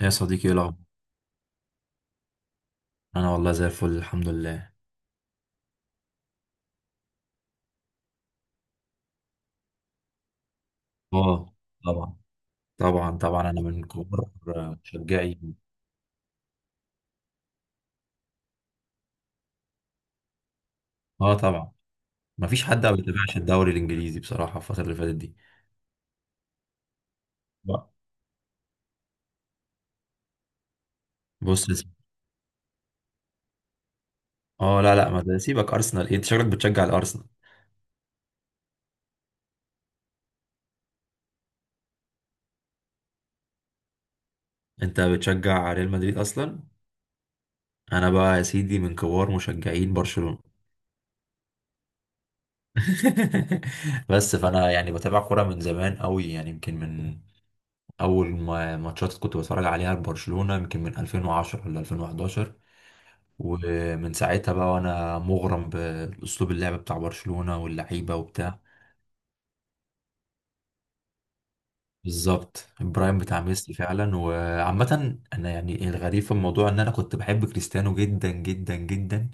يا صديقي ايه الاخبار؟ انا والله زي الفل الحمد لله. اه، طبعا. طبعا انا من كبار مشجعي. اه طبعا، ما فيش حد ما بيتابعش الدوري الانجليزي بصراحه الفتره اللي فاتت دي بقى. بص يا سيدي. اه لا لا، ما ده سيبك ارسنال إيه، انت شكلك بتشجع الارسنال. انت بتشجع ريال مدريد اصلا؟ انا بقى يا سيدي من كبار مشجعين برشلونه. بس فانا يعني بتابع كوره من زمان قوي، يعني يمكن من اول ما ماتشات كنت بتفرج عليها لبرشلونه يمكن من 2010 ولا 2011. ومن ساعتها بقى وانا مغرم باسلوب اللعب بتاع برشلونة واللعيبة وبتاع. بالظبط البرايم بتاع ميسي فعلا. وعامة انا يعني الغريب في الموضوع ان انا كنت بحب كريستيانو جدا جدا جدا،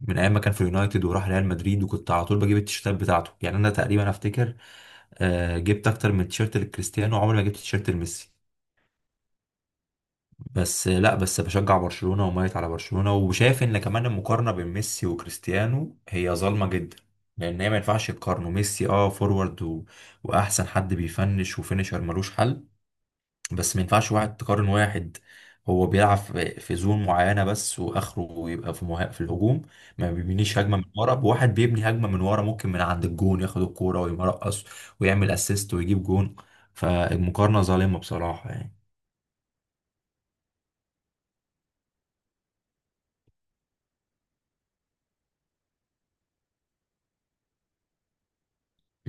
من ايام ما كان في اليونايتد وراح ريال مدريد، وكنت على طول بجيب التيشيرتات بتاعته. يعني انا تقريبا افتكر جبت اكتر من تيشيرت لكريستيانو، عمري ما جبت تيشيرت لميسي. بس لا، بس بشجع برشلونة وميت على برشلونة، وشايف ان كمان المقارنة بين ميسي وكريستيانو هي ظالمة جدا، لان هي ما ينفعش يقارنوا ميسي، فورورد و... واحسن حد بيفنش وفينشر ملوش حل. بس ما ينفعش واحد تقارن واحد. هو بيلعب في زون معينة بس، واخره يبقى في الهجوم، ما بيبنيش هجمة من ورا. بواحد بيبني هجمة من ورا ممكن من عند الجون ياخد الكورة ويمرقص ويعمل اسيست ويجيب جون. فالمقارنة ظالمة بصراحة.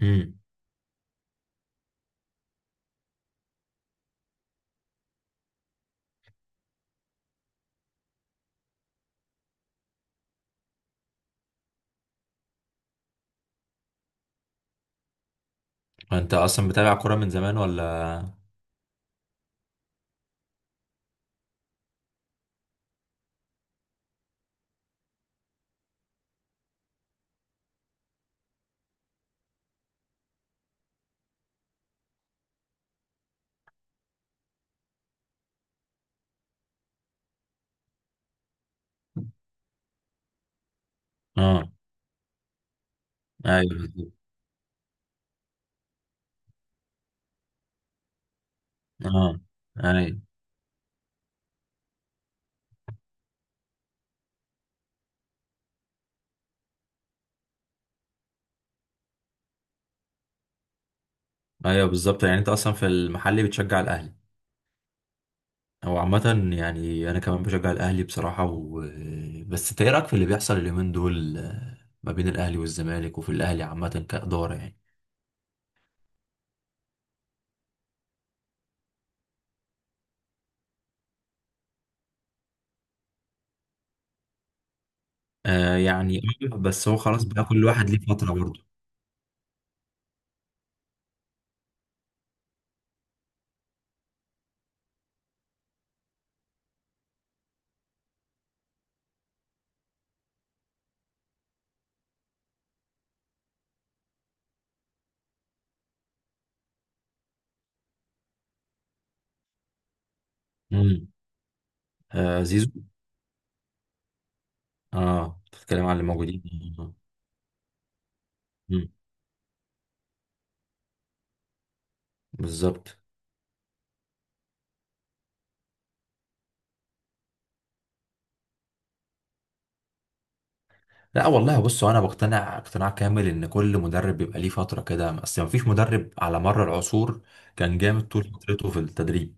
يعني انت اصلا بتابع كوره من زمان ولا؟ اه. ايوه بالظبط. اه ايوه. ايوه بالظبط. يعني انت اصلا في المحل بتشجع الاهلي. هو عامة يعني أنا كمان بشجع الأهلي بصراحة و... بس أنت إيه رأيك في اللي بيحصل اليومين دول ما بين الأهلي والزمالك، وفي الأهلي عامة كإدارة يعني. آه يعني. بس هو خلاص بقى، كل واحد ليه فترة برضه. امم آه زيزو. اه بتتكلم عن اللي موجودين. مم. بالظبط. لا والله بص، انا بقتنع اقتناع كامل ان كل مدرب بيبقى ليه فتره كده، اصل ما فيش مدرب على مر العصور كان جامد طول فترته في التدريب.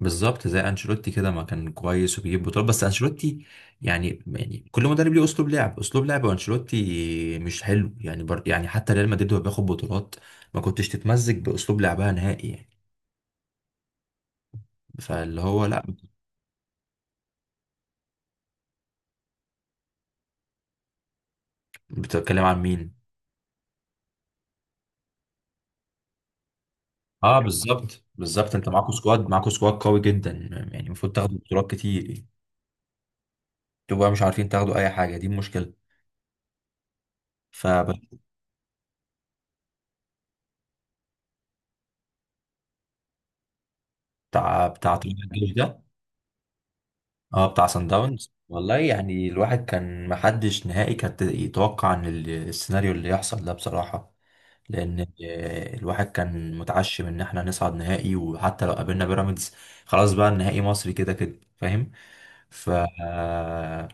بالظبط زي انشيلوتي كده، ما كان كويس وبيجيب بطولات. بس انشيلوتي يعني، يعني كل مدرب ليه اسلوب لعب، وانشيلوتي مش حلو يعني يعني حتى ريال مدريد وهو بياخد بطولات، ما كنتش تتمزج باسلوب لعبها نهائي يعني. فاللي هو لا. بتتكلم عن مين؟ اه بالظبط بالظبط، انت معاكوا سكواد قوي جدا، يعني المفروض تاخدوا بطولات كتير. تبقى مش عارفين تاخدوا اي حاجه، دي المشكله. فبتاع بتاع طلائع الجيش ده. اه بتاع سان داونز، والله يعني الواحد كان، محدش نهائي كان يتوقع ان السيناريو اللي يحصل ده بصراحه، لان الواحد كان متعشم ان احنا نصعد نهائي، وحتى لو قابلنا بيراميدز خلاص بقى النهائي مصري كده كده، فاهم؟ ف آه،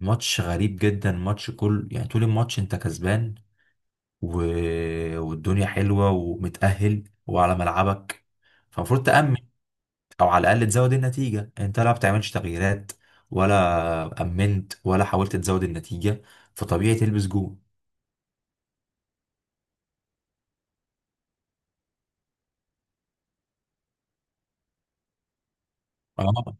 ماتش غريب جدا. ماتش كل، يعني طول الماتش انت كسبان و... والدنيا حلوة ومتأهل وعلى ملعبك، فالمفروض تأمن أو على الأقل تزود النتيجة. أنت لا بتعملش تغييرات ولا أمنت ولا حاولت تزود النتيجة، فطبيعي تلبس جون. آه آه.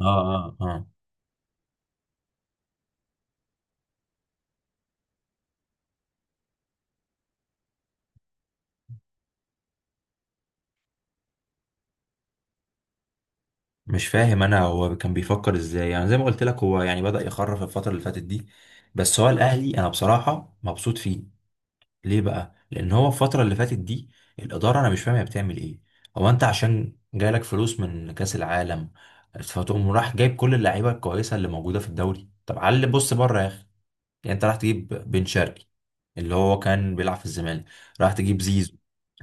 آه آه. مش فاهم أنا هو كان بيفكر إزاي، يعني زي ما قلت لك هو يعني بدأ يخرف الفترة اللي فاتت دي. بس هو الأهلي أنا بصراحة مبسوط فيه. ليه بقى؟ لأن هو الفترة اللي فاتت دي الإدارة، أنا مش فاهم هي بتعمل إيه. هو أنت عشان جالك فلوس من كأس العالم، فتقوم راح جايب كل اللعيبة الكويسة اللي موجودة في الدوري؟ طب علي بص بره يا أخي. يعني أنت راح تجيب بن شرقي اللي هو كان بيلعب في الزمالك، راح تجيب زيزو،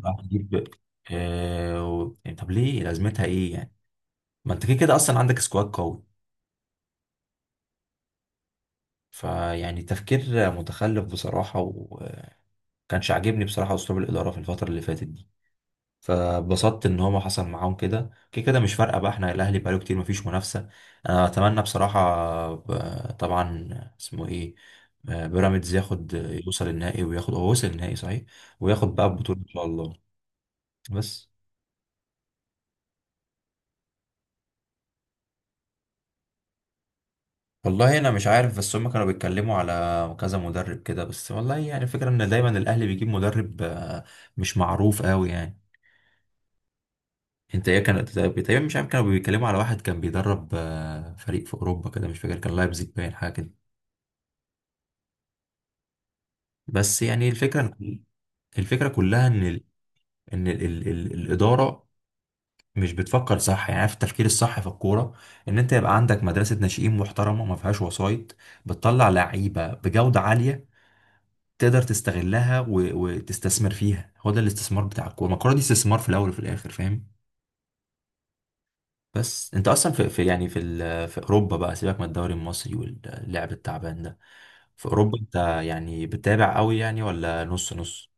راح تجيب يعني طب ليه لازمتها إيه يعني؟ ما أنت كده كده أصلا عندك سكواد قوي. فيعني تفكير متخلف بصراحة، وكانش عاجبني بصراحة أسلوب الإدارة في الفترة اللي فاتت دي. فبسطت ان هو ما حصل معاهم كده كده كده، مش فارقه بقى احنا الاهلي بقاله كتير مفيش منافسه. انا اتمنى بصراحه طبعا اسمه ايه، بيراميدز ياخد، يوصل النهائي وياخد، هو وصل النهائي صحيح، وياخد بقى البطوله ان شاء الله. بس والله انا مش عارف، بس هم كانوا بيتكلموا على كذا مدرب كده، بس والله يعني الفكره ان دايما الاهلي بيجيب مدرب مش معروف قوي يعني. انت ايه كان تقريبا، مش عارف كانوا بيتكلموا على واحد كان بيدرب فريق في اوروبا كده، مش فاكر كان لايبزيج باين حاجه كده. بس يعني الفكرة، الفكرة كلها ان الإدارة مش بتفكر صح. يعني عارف التفكير الصح في الكورة، ان انت يبقى عندك مدرسة ناشئين محترمة ما فيهاش وسايط، بتطلع لعيبة بجودة عالية، تقدر تستغلها و... وتستثمر فيها. هو ده الاستثمار بتاع الكورة، ما الكورة دي استثمار في الأول وفي الآخر، فاهم؟ بس انت اصلا في، يعني في اوروبا بقى سيبك من الدوري المصري واللعب التعبان ده. في اوروبا انت يعني بتتابع قوي يعني ولا نص نص؟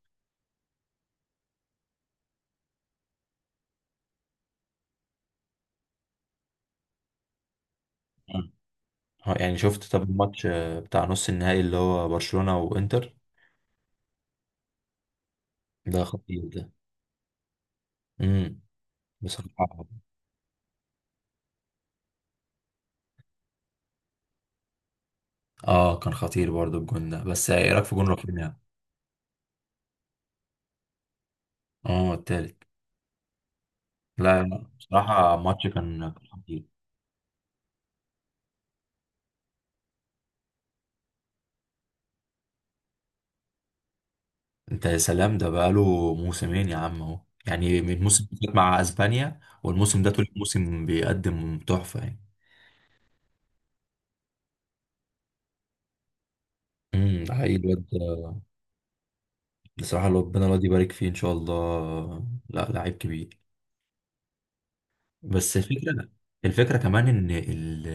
اه يعني شفت طب الماتش بتاع نص النهائي اللي هو برشلونة وانتر؟ ده خطير ده. امم بصراحة اه كان خطير برضو الجون ده. بس ايه رايك في جون رافينيا؟ اه التالت. لا لا، بصراحة الماتش كان كان خطير. انت يا سلام، ده بقاله موسمين يا عم اهو، يعني من الموسم اللي فات مع اسبانيا والموسم ده طول الموسم بيقدم تحفة يعني. ده حقيقي الواد بصراحة ربنا الواد يبارك فيه ان شاء الله، لا لعيب كبير. بس الفكره، الفكره كمان ان ال...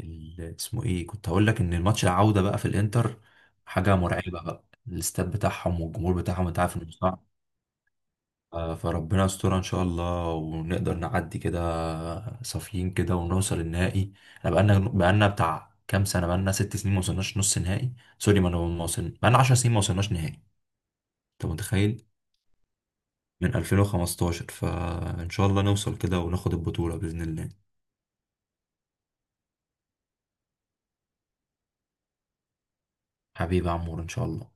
ال... اسمه ايه كنت هقول لك، ان الماتش العوده بقى في الانتر حاجه مرعبه بقى. الاستاد بتاعهم والجمهور بتاعهم انت عارف انه صعب. فربنا يسترها ان شاء الله ونقدر نعدي كده صافيين كده ونوصل النهائي. احنا بقالنا بتاع كام سنه، بقالنا 6 سنين ما وصلناش نص نهائي، سوري ما وصلنا، بقالنا 10 سنين ما وصلناش نهائي، انت متخيل؟ من 2015، فان شاء الله نوصل كده وناخد البطوله باذن الله. حبيبي يا عمور ان شاء الله.